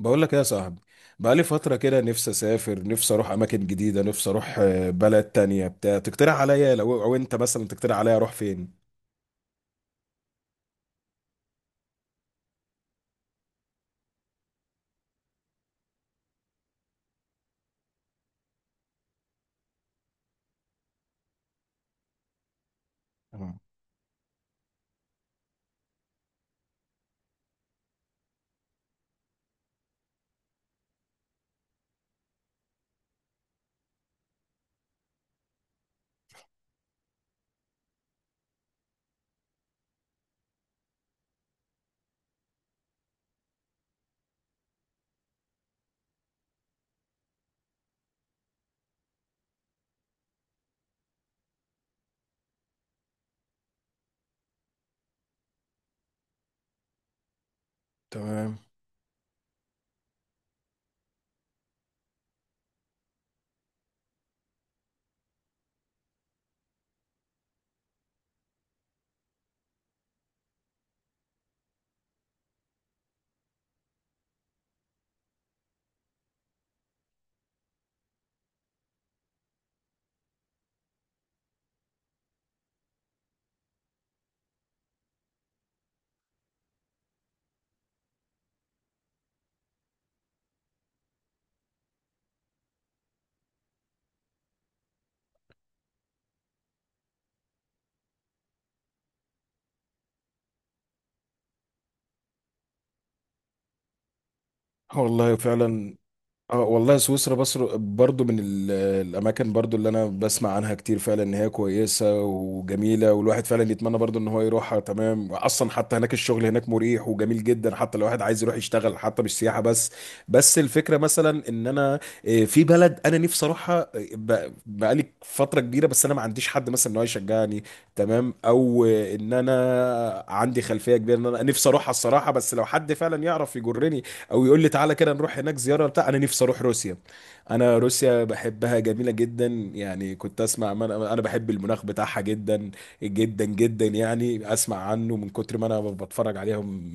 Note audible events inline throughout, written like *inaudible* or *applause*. بقول لك ايه يا صاحبي. بقالي فترة كده، نفسي اسافر، نفسي اروح اماكن جديدة، نفسي اروح بلد تانية. بتاع تقترح عليا، لو او انت مثلا تقترح عليا اروح فين؟ تمام تمام. والله فعلا. اه والله سويسرا بصر برضو الاماكن برضو اللي انا بسمع عنها كتير، فعلا ان هي كويسه وجميله، والواحد فعلا يتمنى برضو ان هو يروحها. تمام. اصلا حتى هناك الشغل هناك مريح وجميل جدا، حتى لو واحد عايز يروح يشتغل، حتى مش سياحه بس. بس الفكره مثلا ان انا في بلد انا نفسي اروحها، بقالي فتره كبيره، بس انا ما عنديش حد مثلا ان هو يشجعني. تمام. او ان انا عندي خلفيه كبيره ان انا نفسي اروحها الصراحه، بس لو حد فعلا يعرف يجرني او يقول لي تعالى كده نروح هناك زياره بتاع، انا نفسي اروح روسيا. انا روسيا بحبها، جميله جدا يعني. كنت اسمع، ما انا أنا بحب المناخ بتاعها جدا جدا جدا، يعني اسمع عنه من كتر ما انا بتفرج عليهم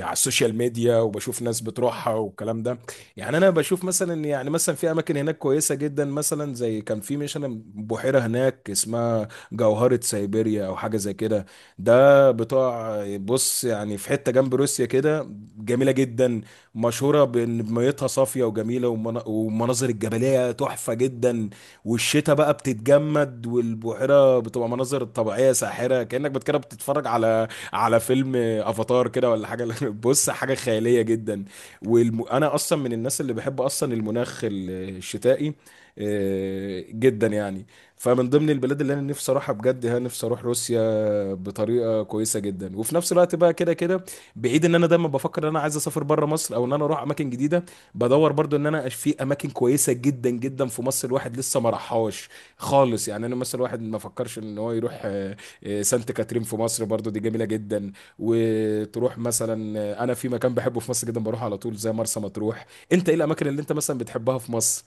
على السوشيال ميديا وبشوف ناس بتروحها والكلام ده. يعني انا بشوف مثلا، يعني مثلا في اماكن هناك كويسه جدا، مثلا زي كان في مثلا بحيره هناك اسمها جوهره سيبيريا او حاجه زي كده. ده بتاع، بص يعني في حته جنب روسيا كده، جميله جدا، مشهورة بإن ميتها صافية وجميلة، والمناظر الجبلية تحفة جدا. والشتاء بقى بتتجمد، والبحيرة بتبقى مناظر طبيعية ساحرة، كده بتتفرج على فيلم افاتار كده ولا حاجة. *laughs* بص حاجة خيالية جدا. وانا اصلا من الناس اللي بحب اصلا المناخ الشتائي جدا يعني. فمن ضمن البلاد اللي انا نفسي اروحها بجد، ها، نفسي اروح روسيا بطريقه كويسه جدا. وفي نفس الوقت بقى كده كده، بعيد ان انا دايما بفكر ان انا عايز اسافر بره مصر او ان انا اروح اماكن جديده، بدور برضو ان انا في اماكن كويسه جدا جدا في مصر الواحد لسه ما راحهاش خالص. يعني انا مثلا الواحد ما فكرش ان هو يروح سانت كاترين. في مصر برضو دي جميله جدا. وتروح مثلا انا في مكان بحبه في مصر جدا، بروح على طول زي مرسى مطروح. انت ايه الاماكن اللي انت مثلا بتحبها في مصر؟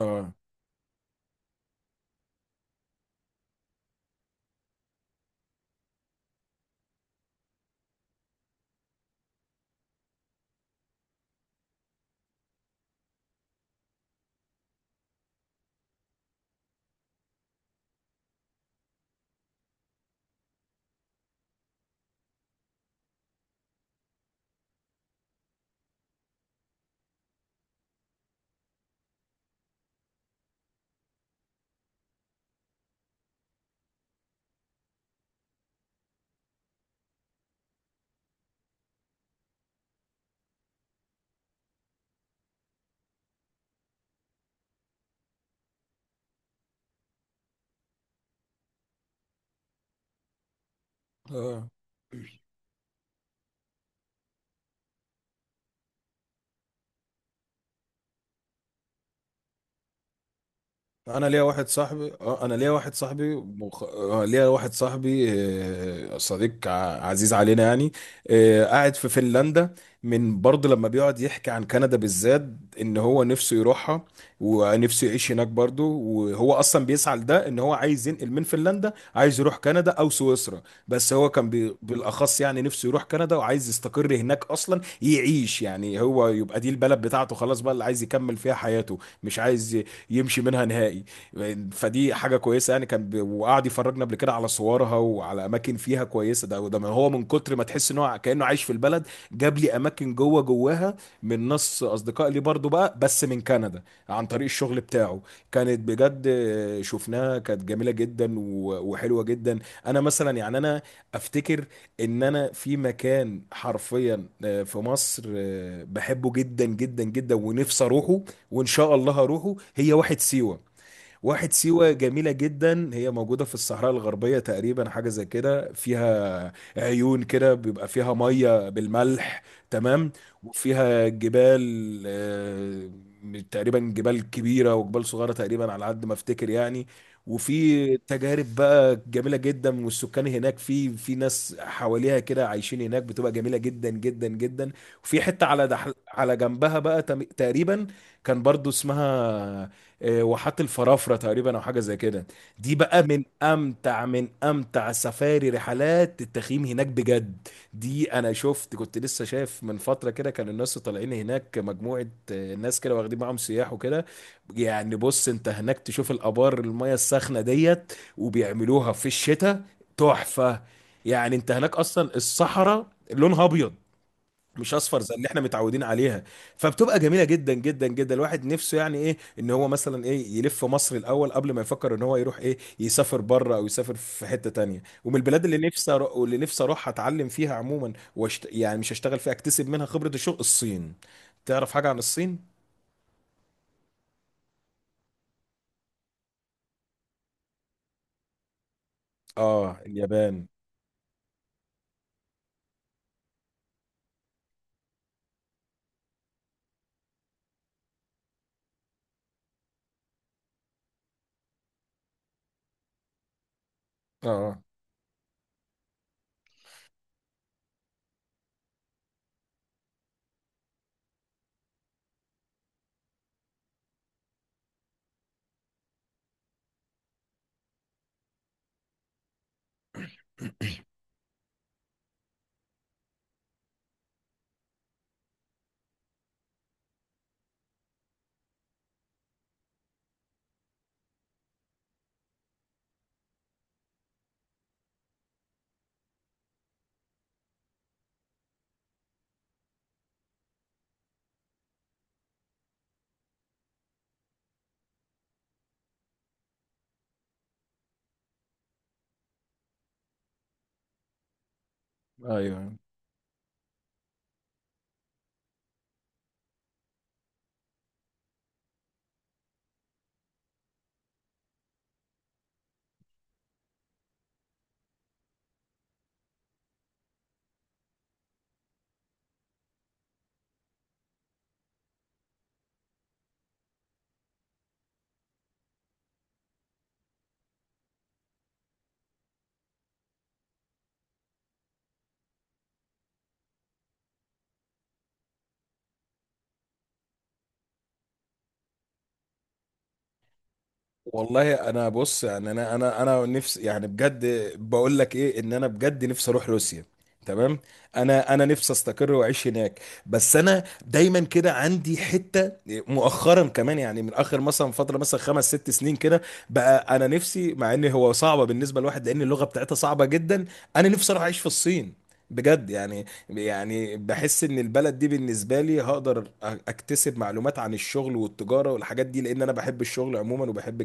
اه اه. انا ليا واحد صاحبي، انا ليا واحد صاحبي مخ... آه، ليا واحد صاحبي، صديق عزيز علينا يعني، قاعد في فنلندا. من برضه لما بيقعد يحكي عن كندا بالذات، ان هو نفسه يروحها ونفسه يعيش هناك برضه. وهو اصلا بيسعى لده، ان هو عايز ينقل من فنلندا، عايز يروح كندا او سويسرا. بس هو كان بالاخص يعني نفسه يروح كندا، وعايز يستقر هناك اصلا يعيش، يعني هو يبقى دي البلد بتاعته خلاص بقى اللي عايز يكمل فيها حياته. مش عايز يمشي منها نهائي. فدي حاجه كويسه يعني. كان وقعد يفرجنا قبل كده على صورها وعلى اماكن فيها كويسه، ده ما هو من كتر ما تحس ان هو كانه عايش في البلد. جاب لي اماكن جوه جواها من ناس اصدقاء لي برضو بقى، بس من كندا، عن طريق الشغل بتاعه. كانت بجد، شفناها كانت جميله جدا و- وحلوه جدا. انا مثلا يعني، انا افتكر ان انا في مكان حرفيا في مصر بحبه جدا جدا جدا ونفسي اروحه، وان شاء الله هروحه، هي واحد سيوه. واحد سيوة جميلة جدا. هي موجودة في الصحراء الغربية تقريبا، حاجة زي كده، فيها عيون كده بيبقى فيها مية بالملح. تمام. وفيها جبال تقريبا جبال كبيرة وجبال صغيرة تقريبا، على قد ما افتكر يعني. وفي تجارب بقى جميلة جدا، والسكان هناك، في ناس حواليها كده عايشين هناك، بتبقى جميلة جدا جدا جدا. وفي حتة على دحل على جنبها بقى، تقريبا كان برضو اسمها، واحات الفرافره تقريبا او حاجه زي كده. دي بقى من امتع، من امتع سفاري رحلات التخييم هناك بجد. دي انا شفت، كنت لسه شايف من فتره كده، كان الناس طالعين هناك مجموعه ناس كده واخدين معاهم سياح وكده. يعني بص، انت هناك تشوف الابار، الميه الساخنه ديت، وبيعملوها في الشتاء، تحفه. يعني انت هناك اصلا الصحراء لونها ابيض، مش اصفر زي اللي احنا متعودين عليها، فبتبقى جميله جدا جدا جدا. الواحد نفسه يعني ايه، ان هو مثلا ايه، يلف مصر الاول قبل ما يفكر ان هو يروح ايه يسافر بره او يسافر في حته تانية. ومن البلاد اللي واللي نفسي اروح اتعلم فيها عموما يعني مش هشتغل فيها، اكتسب منها خبره الشغل، الصين. تعرف حاجه عن الصين؟ اه اليابان. اه ايوه. والله انا بص يعني، انا نفسي يعني بجد بقول لك ايه، ان انا بجد نفسي اروح روسيا. تمام. انا نفسي استقر واعيش هناك. بس انا دايما كده عندي حته مؤخرا كمان، يعني من اخر مثلا فتره مثلا 5 6 سنين كده، بقى انا نفسي، مع ان هو صعبه بالنسبه لواحد لان اللغه بتاعتها صعبه جدا، انا نفسي اروح اعيش في الصين. بجد يعني، يعني بحس ان البلد دي بالنسبه لي هقدر اكتسب معلومات عن الشغل والتجاره والحاجات دي، لان انا بحب الشغل عموما وبحب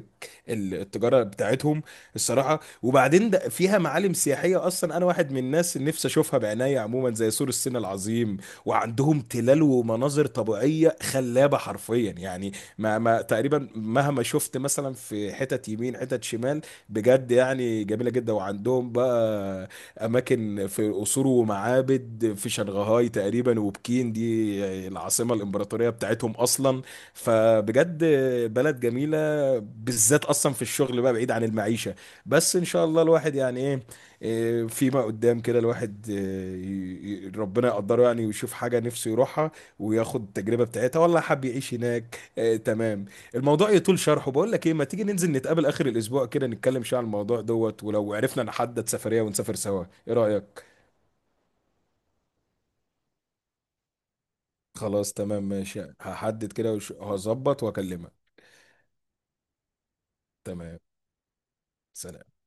التجاره بتاعتهم الصراحه. وبعدين ده فيها معالم سياحيه، اصلا انا واحد من الناس اللي نفسي اشوفها بعناية عموما، زي سور الصين العظيم، وعندهم تلال ومناظر طبيعيه خلابه حرفيا يعني. ما تقريبا مهما شفت مثلا في حتت يمين حتت شمال، بجد يعني جميله جدا. وعندهم بقى اماكن في قصور ومعابد في شنغهاي تقريبا، وبكين دي العاصمه الامبراطوريه بتاعتهم اصلا. فبجد بلد جميله، بالذات اصلا في الشغل بقى بعيد عن المعيشه. بس ان شاء الله الواحد يعني ايه، فيما قدام كده الواحد ربنا يقدره يعني ويشوف حاجه نفسه يروحها وياخد التجربه بتاعتها، والله حب يعيش هناك تمام. الموضوع يطول شرحه. بقول لك ايه، ما تيجي ننزل نتقابل اخر الاسبوع كده، نتكلم شويه عن الموضوع دوت، ولو عرفنا نحدد سفريه ونسافر سوا، ايه رايك؟ خلاص تمام ماشي. هحدد كده هظبط واكلمك. تمام. سلام.